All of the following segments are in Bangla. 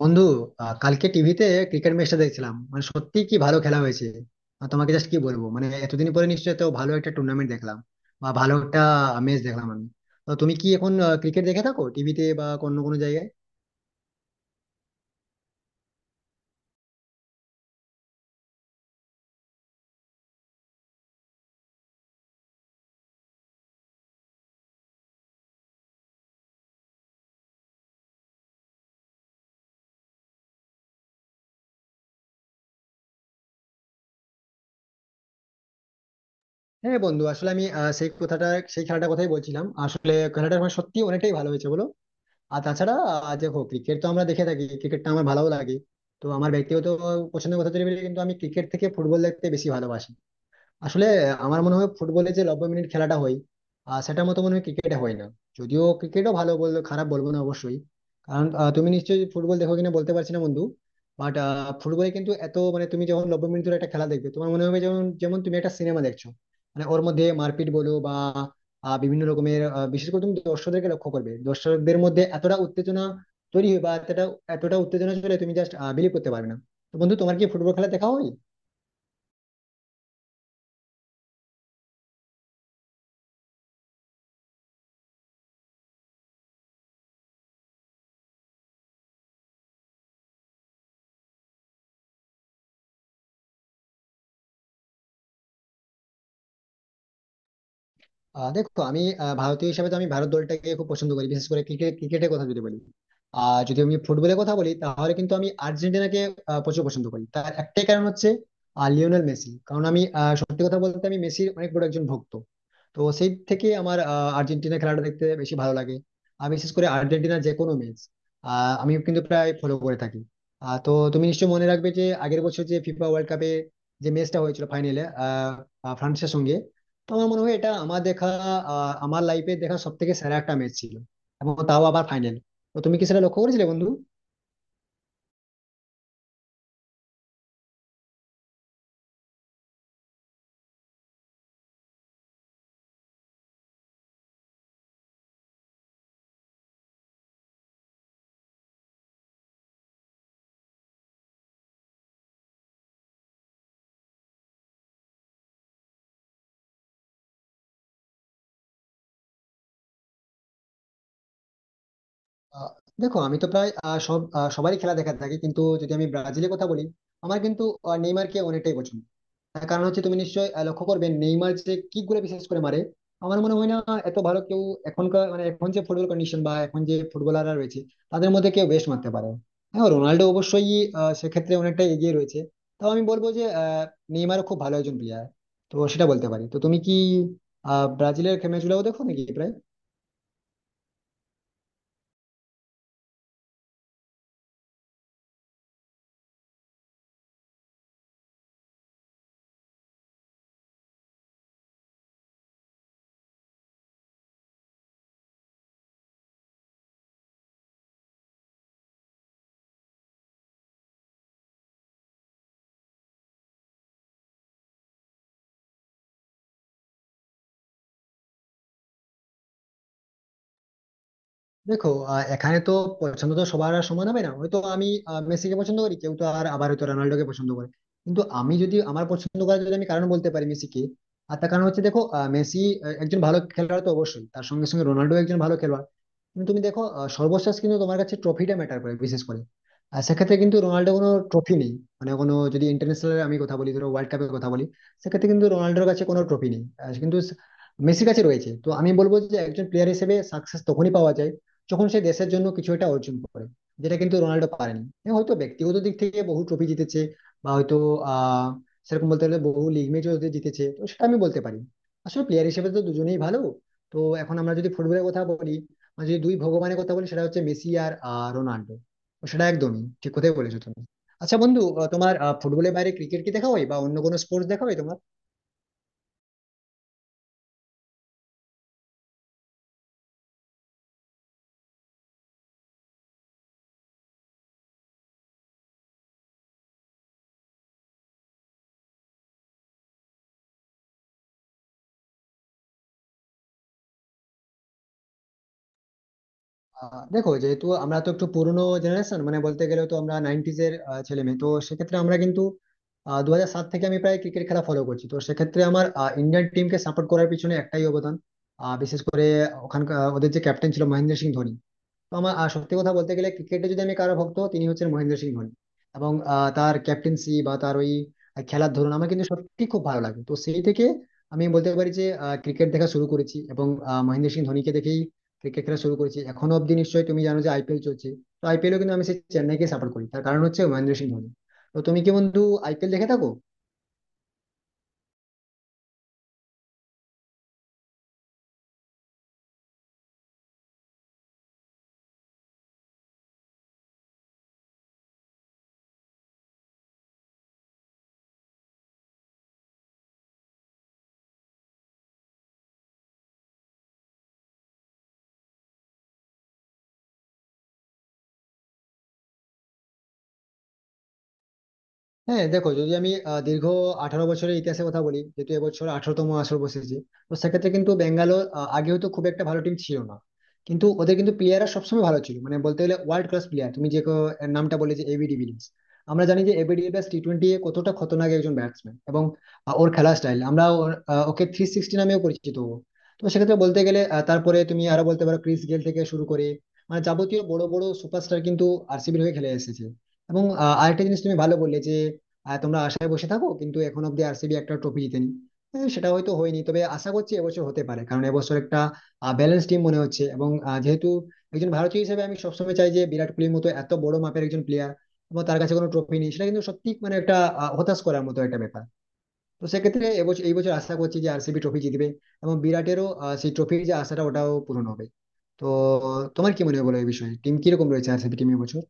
বন্ধু, কালকে টিভিতে ক্রিকেট ম্যাচটা দেখছিলাম, মানে সত্যি কি ভালো খেলা হয়েছে। আর তোমাকে জাস্ট কি বলবো, মানে এতদিন পরে নিশ্চয়ই তো ভালো একটা টুর্নামেন্ট দেখলাম বা ভালো একটা ম্যাচ দেখলাম আমি। তো তুমি কি এখন ক্রিকেট দেখে থাকো টিভিতে বা অন্য কোনো জায়গায়? হ্যাঁ বন্ধু, আসলে আমি সেই কথাটা, সেই খেলাটার কথাই বলছিলাম। আসলে খেলাটা আমার সত্যি অনেকটাই ভালো হয়েছে বলো। আর তাছাড়া দেখো ক্রিকেট তো আমরা দেখে থাকি, ক্রিকেটটা আমার ভালো লাগে। তো আমার ব্যক্তিগত পছন্দের কথা যদি বলি, কিন্তু আমি ক্রিকেট থেকে ফুটবল দেখতে বেশি ভালোবাসি। আসলে আমার মনে হয় ফুটবলে যে 90 মিনিট খেলাটা হয়, সেটার মতো মনে হয় ক্রিকেটে হয় না। যদিও ক্রিকেটও ভালো, বলবো খারাপ বলবো না অবশ্যই। কারণ তুমি নিশ্চয়ই ফুটবল দেখো কিনা বলতে পারছি না বন্ধু। বাট ফুটবলে কিন্তু এত, মানে তুমি যখন 90 মিনিট ধরে একটা খেলা দেখবে, তোমার মনে হবে যেমন যেমন তুমি একটা সিনেমা দেখছো। মানে ওর মধ্যে মারপিট বলো বা বিভিন্ন রকমের, বিশেষ করে তুমি দর্শকদেরকে লক্ষ্য করবে, দর্শকদের মধ্যে এতটা উত্তেজনা তৈরি হয় বা এতটা এতটা উত্তেজনা চলে, তুমি জাস্ট বিলিভ করতে পারবে না। তো বন্ধু, তোমার কি ফুটবল খেলা দেখা হয়? দেখো আমি ভারতীয় হিসেবে তো আমি ভারত দলটাকে খুব পছন্দ করি, বিশেষ করে ক্রিকেট, ক্রিকেটের কথা যদি বলি। আর যদি আমি ফুটবলের কথা বলি, তাহলে কিন্তু আমি আর্জেন্টিনাকে প্রচুর পছন্দ করি। তার একটাই কারণ হচ্ছে লিওনেল মেসি। কারণ আমি সত্যি কথা বলতে, আমি মেসির অনেক বড় একজন ভক্ত। তো সেই থেকে আমার আর্জেন্টিনা খেলাটা দেখতে বেশি ভালো লাগে। আর বিশেষ করে আর্জেন্টিনার যে কোনো ম্যাচ আমি কিন্তু প্রায় ফলো করে থাকি। তো তুমি নিশ্চয়ই মনে রাখবে যে আগের বছর যে ফিফা ওয়ার্ল্ড কাপে যে ম্যাচটা হয়েছিল ফাইনালে ফ্রান্সের সঙ্গে, তো আমার মনে হয় এটা আমার দেখা, আমার লাইফে দেখা সব থেকে সেরা একটা ম্যাচ ছিল, এবং তাও আবার ফাইনাল। তো তুমি কি সেটা লক্ষ্য করেছিলে বন্ধু? আহ, দেখো আমি তো প্রায় সবারই খেলা দেখা থাকি, কিন্তু যদি আমি ব্রাজিলের কথা বলি, আমার কিন্তু নেইমারকে অনেকটাই পছন্দ। তার কারণ হচ্ছে তুমি নিশ্চয়ই লক্ষ্য করবে নেইমার যে কিক গুলো বিশেষ করে মারে, আমার মনে হয় না এত ভালো কেউ, এখনকার মানে এখন যে ফুটবল কন্ডিশন বা এখন যে ফুটবলাররা রয়েছে তাদের মধ্যে কেউ বেস্ট মারতে পারে। হ্যাঁ রোনাল্ডো অবশ্যই সেক্ষেত্রে অনেকটা এগিয়ে রয়েছে। তাও আমি বলবো যে নেইমারও খুব ভালো একজন প্লেয়ার, তো সেটা বলতে পারি। তো তুমি কি ব্রাজিলের ম্যাচগুলো দেখো নাকি প্রায়? দেখো এখানে তো পছন্দ তো সবার আর সমান হবে না। হয়তো আমি মেসিকে পছন্দ করি, কেউ তো আর আবার হয়তো রোনাল্ডোকে পছন্দ করে। কিন্তু আমি যদি আমার পছন্দ করার যদি আমি কারণ বলতে পারি মেসিকে, আর তার কারণ হচ্ছে দেখো মেসি একজন ভালো খেলোয়াড় তো অবশ্যই, তার সঙ্গে সঙ্গে রোনাল্ডো একজন ভালো খেলোয়াড়। কিন্তু তুমি দেখো সর্বশেষ কিন্তু তোমার কাছে ট্রফিটা ম্যাটার করে বিশেষ করে, আর সেক্ষেত্রে কিন্তু রোনাল্ডো কোনো ট্রফি নেই। মানে কোনো যদি ইন্টারন্যাশনাল আমি কথা বলি, ধরো ওয়ার্ল্ড কাপের কথা বলি, সেক্ষেত্রে কিন্তু রোনাল্ডোর কাছে কোনো ট্রফি নেই, আর কিন্তু মেসির কাছে রয়েছে। তো আমি বলবো যে একজন প্লেয়ার হিসেবে সাকসেস তখনই পাওয়া যায় যখন সে দেশের জন্য কিছু একটা অর্জন করে, যেটা কিন্তু রোনাল্ডো পারেনি। হ্যাঁ, হয়তো ব্যক্তিগত দিক থেকে বহু ট্রফি জিতেছে, বা হয়তো আহ সেরকম বলতে গেলে বহু লিগ ম্যাচও জিতেছে, তো সেটা আমি বলতে পারি। আসলে প্লেয়ার হিসেবে তো দুজনেই ভালো। তো এখন আমরা যদি ফুটবলের কথা বলি, আর যদি দুই ভগবানের কথা বলি, সেটা হচ্ছে মেসি আর রোনাল্ডো। তো সেটা একদমই ঠিক কথাই বলেছো তুমি। আচ্ছা বন্ধু, তোমার ফুটবলের বাইরে ক্রিকেট কি দেখা হয় বা অন্য কোনো স্পোর্টস দেখা হয় তোমার? দেখো যেহেতু আমরা তো একটু পুরনো জেনারেশন, মানে বলতে গেলে তো আমরা নাইনটিজ এর ছেলে মেয়ে, তো সেক্ষেত্রে আমরা কিন্তু 2007 থেকে আমি প্রায় ক্রিকেট খেলা ফলো করছি। তো সেক্ষেত্রে আমার ইন্ডিয়ান টিমকে সাপোর্ট করার পিছনে একটাই অবদান, বিশেষ করে ওখানকার ওদের যে ক্যাপ্টেন ছিল মহেন্দ্র সিং ধোনি। তো আমার সত্যি কথা বলতে গেলে ক্রিকেটে যদি আমি কারো ভক্ত, তিনি হচ্ছেন মহেন্দ্র সিং ধোনি। এবং তার ক্যাপ্টেন্সি বা তার ওই খেলার ধরন আমার কিন্তু সত্যি খুব ভালো লাগে। তো সেই থেকে আমি বলতে পারি যে ক্রিকেট দেখা শুরু করেছি এবং মহেন্দ্র সিং ধোনিকে দেখেই ক্রিকেট খেলা শুরু করেছি। এখনো অব্দি নিশ্চয়ই তুমি জানো যে আইপিএল চলছে, তো আইপিএলও কিন্তু আমি সেই চেন্নাইকে সাপোর্ট করি, তার কারণ হচ্ছে মহেন্দ্র সিং ধোনি। তো তুমি কি বন্ধু আইপিএল দেখে থাকো? হ্যাঁ দেখো, যদি আমি দীর্ঘ 18 বছরের ইতিহাসের কথা বলি, যেহেতু এবছর 18তম আসর বসেছে, তো সেক্ষেত্রে কিন্তু বেঙ্গালোর আগে হয়তো খুব একটা ভালো টিম ছিল না, কিন্তু ওদের কিন্তু প্লেয়াররা সবসময় ভালো ছিল। মানে বলতে গেলে ওয়ার্ল্ড ক্লাস প্লেয়ার, তুমি যে এর নামটা বলে যে এবি ডিভিলিয়ার্স, আমরা জানি যে এবি ডিভিলিয়ার্স টি20 এ কতটা খতরনাক একজন ব্যাটসম্যান। এবং ওর খেলার স্টাইল, আমরা ওকে 360 নামেও পরিচিত ও। তো সেক্ষেত্রে বলতে গেলে তারপরে তুমি আরো বলতে পারো ক্রিস গেল থেকে শুরু করে, মানে যাবতীয় বড় বড় সুপারস্টার কিন্তু আরসিবির হয়ে খেলে এসেছে। এবং আরেকটা জিনিস তুমি ভালো বললে যে আর তোমরা আশায় বসে থাকো, কিন্তু এখন অব্দি আরসিবি একটা ট্রফি জিতেনি। হ্যাঁ, সেটা হয়তো হয়নি, তবে আশা করছি এবছর হতে পারে, কারণ এবছর একটা ব্যালেন্স টিম মনে হচ্ছে। এবং যেহেতু একজন ভারতীয় হিসেবে আমি সবসময় চাই যে বিরাট কোহলির মতো এত বড় মাপের একজন প্লেয়ার, এবং তার কাছে কোনো ট্রফি নেই, সেটা কিন্তু সত্যি মানে একটা হতাশ করার মতো একটা ব্যাপার। তো সেক্ষেত্রে এবছর, এই বছর আশা করছি যে আরসিবি ট্রফি জিতবে এবং বিরাটেরও সেই ট্রফির যে আশাটা ওটাও পূরণ হবে। তো তোমার কি মনে হয় বলো এই বিষয়ে, টিম কিরকম রয়েছে আরসিবি টিম এবছর?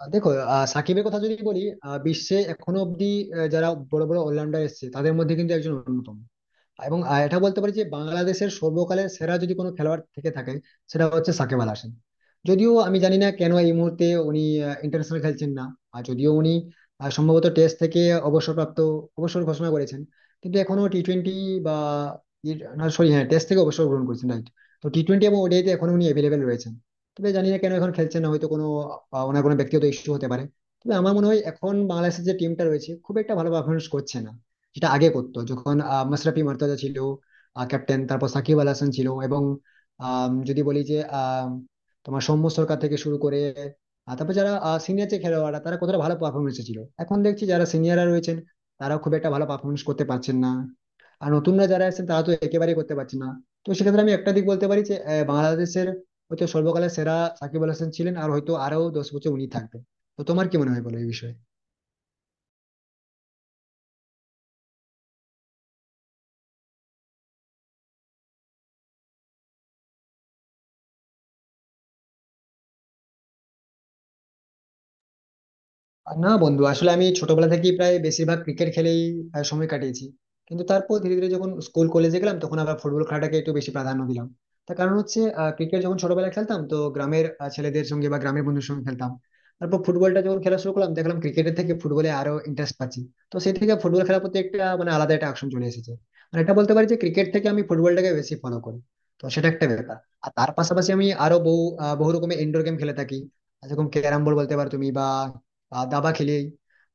দেখো, সাকিবের কথা যদি বলি, বিশ্বে এখনো অব্দি যারা বড় বড় অলরাউন্ডার এসেছে তাদের মধ্যে কিন্তু একজন অন্যতম। এবং এটা বলতে পারি যে বাংলাদেশের সর্বকালের সেরা যদি কোনো খেলোয়াড় থেকে থাকে, সেটা হচ্ছে সাকিব আল হাসান। যদিও আমি জানি না কেন এই মুহূর্তে উনি ইন্টারন্যাশনাল খেলছেন না। আর যদিও উনি সম্ভবত টেস্ট থেকে অবসরপ্রাপ্ত, অবসর ঘোষণা করেছেন, কিন্তু এখনো টি20 বা, সরি, হ্যাঁ টেস্ট থেকে অবসর গ্রহণ করেছেন রাইট। তো টি20 এবং ওডিআইতে এখন উনি অ্যাভেলেবেল রয়েছেন। তবে জানি না কেন এখন খেলছেন না, হয়তো কোনো ওনার কোনো ব্যক্তিগত ইস্যু হতে পারে। তবে আমার মনে হয় এখন বাংলাদেশের যে টিমটা রয়েছে খুব একটা ভালো পারফরমেন্স করছে না, যেটা আগে করতো যখন মাশরাফি মুর্তজা ছিল ক্যাপ্টেন, তারপর সাকিব আল হাসান ছিল এবং আম, যদি বলি যে আম, তোমার সৌম্য সরকার থেকে শুরু করে তারপর যারা সিনিয়র যে খেলোয়াড়রা, তারা কতটা ভালো পারফরমেন্স ছিল। এখন দেখছি যারা সিনিয়ররা রয়েছেন তারা খুব একটা ভালো পারফরমেন্স করতে পারছেন না, আর নতুনরা যারা আছেন তারা তো একেবারেই করতে পারছে না। তো সেক্ষেত্রে আমি একটা দিক বলতে পারি যে বাংলাদেশের হয়তো সর্বকালের সেরা সাকিব আল হাসান ছিলেন, আর হয়তো আরো 10 বছর উনি থাকবেন। তো তোমার কি মনে হয় বলো এই বিষয়ে? আর না বন্ধু, আসলে আমি ছোটবেলা থেকেই প্রায় বেশিরভাগ ক্রিকেট খেলেই সময় কাটিয়েছি। কিন্তু তারপর ধীরে ধীরে যখন স্কুল কলেজে গেলাম, তখন আবার ফুটবল খেলাটাকে একটু বেশি প্রাধান্য দিলাম। তার কারণ হচ্ছে ক্রিকেট যখন ছোটবেলায় খেলতাম, তো গ্রামের ছেলেদের সঙ্গে বা গ্রামের বন্ধুদের সঙ্গে খেলতাম। তারপর ফুটবলটা যখন খেলা শুরু করলাম, দেখলাম ক্রিকেটের থেকে ফুটবলে আরো ইন্টারেস্ট পাচ্ছি। তো সেই থেকে ফুটবল খেলার প্রতি একটা মানে আলাদা একটা আকর্ষণ চলে এসেছে। মানে এটা বলতে পারি যে ক্রিকেট থেকে আমি ফুটবলটাকে বেশি ফলো করি, তো সেটা একটা ব্যাপার। আর তার পাশাপাশি আমি আরো বহু বহু রকমের ইনডোর গেম খেলে থাকি, যেরকম ক্যারাম বোর্ড বলতে পারো তুমি, বা দাবা খেলি।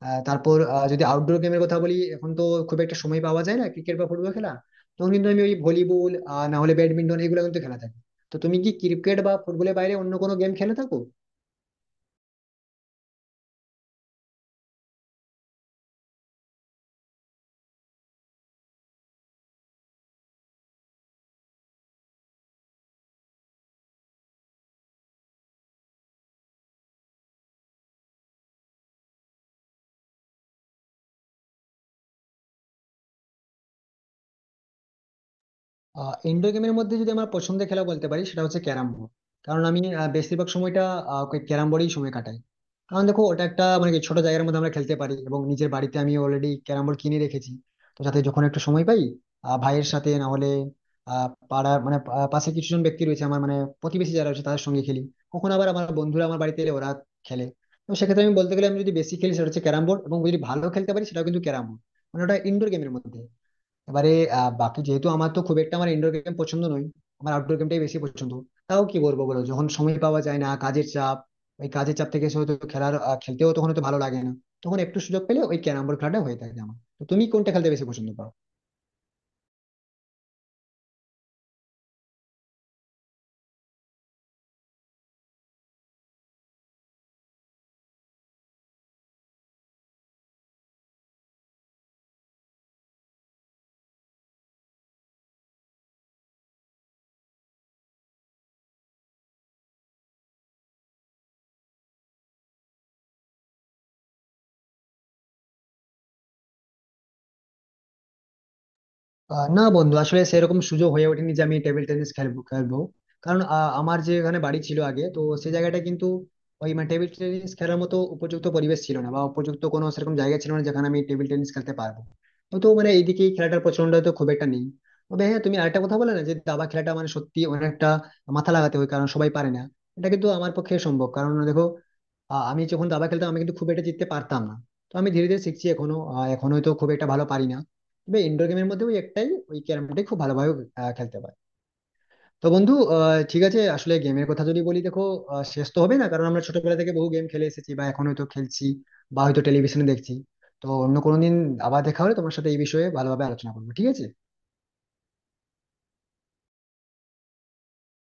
আহ, তারপর আহ, যদি আউটডোর গেমের কথা বলি, এখন তো খুব একটা সময় পাওয়া যায় না ক্রিকেট বা ফুটবল খেলা, তখন কিন্তু আমি ওই ভলিবল না হলে ব্যাডমিন্টন, এগুলো কিন্তু খেলা থাকি। তো তুমি কি ক্রিকেট বা ফুটবলের বাইরে অন্য কোনো গেম খেলে থাকো? ইনডোর গেমের মধ্যে যদি আমার পছন্দের খেলা বলতে পারি, সেটা হচ্ছে ক্যারাম বোর্ড। কারণ আমি বেশিরভাগ সময়টা ক্যারাম বোর্ডেই সময় কাটাই। কারণ দেখো ওটা একটা মানে কি ছোট জায়গার মধ্যে আমরা খেলতে পারি, এবং নিজের বাড়িতে আমি অলরেডি ক্যারাম বোর্ড কিনে রেখেছি। তো যাতে যখন একটু সময় পাই, ভাইয়ের সাথে না হলে আহ পাড়ার মানে পাশে কিছু জন ব্যক্তি রয়েছে আমার, মানে প্রতিবেশী যারা রয়েছে তাদের সঙ্গে খেলি। কখন আবার আমার বন্ধুরা আমার বাড়িতে এলে ওরা খেলে। তো সেক্ষেত্রে আমি বলতে গেলে আমি যদি বেশি খেলি সেটা হচ্ছে ক্যারাম বোর্ড, এবং যদি ভালো খেলতে পারি সেটাও কিন্তু ক্যারাম বোর্ড, মানে ওটা ইনডোর গেমের মধ্যে। এবারে বাকি যেহেতু আমার তো খুব একটা আমার ইনডোর গেম পছন্দ নয়, আমার আউটডোর গেমটাই বেশি পছন্দ। তাও কি বলবো বলো, যখন সময় পাওয়া যায় না, কাজের চাপ, ওই কাজের চাপ থেকে এসে হয়তো খেলার খেলতেও তখন হয়তো ভালো লাগে না। তখন একটু সুযোগ পেলে ওই ক্যারাম বোর্ড খেলাটা হয়ে থাকে আমার। তো তুমি কোনটা খেলতে বেশি পছন্দ পাও? না বন্ধু, আসলে সেরকম সুযোগ হয়ে ওঠেনি যে আমি টেবিল টেনিস খেলবো খেলবো কারণ আমার যে এখানে বাড়ি ছিল আগে, তো সেই জায়গাটা কিন্তু ওই মানে টেবিল টেনিস খেলার মতো উপযুক্ত পরিবেশ ছিল না, বা উপযুক্ত কোনো সেরকম জায়গা ছিল না যেখানে আমি টেবিল টেনিস খেলতে পারবো। তো তো মানে এইদিকে এই খেলাটার প্রচলনটা তো খুব একটা নেই। তবে হ্যাঁ, তুমি আরেকটা কথা বলে না যে দাবা খেলাটা, মানে সত্যি অনেকটা মাথা লাগাতে হয়, কারণ সবাই পারে না। এটা কিন্তু আমার পক্ষে সম্ভব, কারণ দেখো আমি যখন দাবা খেলতাম আমি কিন্তু খুব একটা জিততে পারতাম না। তো আমি ধীরে ধীরে শিখছি, এখনো এখনো তো খুব একটা ভালো পারি না। তবে ইনডোর গেমের মধ্যে ওই একটাই, ওই ক্যারামটাই খুব ভালোভাবে খেলতে পারি। তো বন্ধু, ঠিক আছে, আসলে গেমের কথা যদি বলি দেখো শেষ তো হবে না, কারণ আমরা ছোটবেলা থেকে বহু গেম খেলে এসেছি, বা এখন হয়তো খেলছি, বা হয়তো টেলিভিশনে দেখছি। তো অন্য কোনো দিন আবার দেখা হলে তোমার সাথে এই বিষয়ে ভালোভাবে আলোচনা করবো, ঠিক আছে?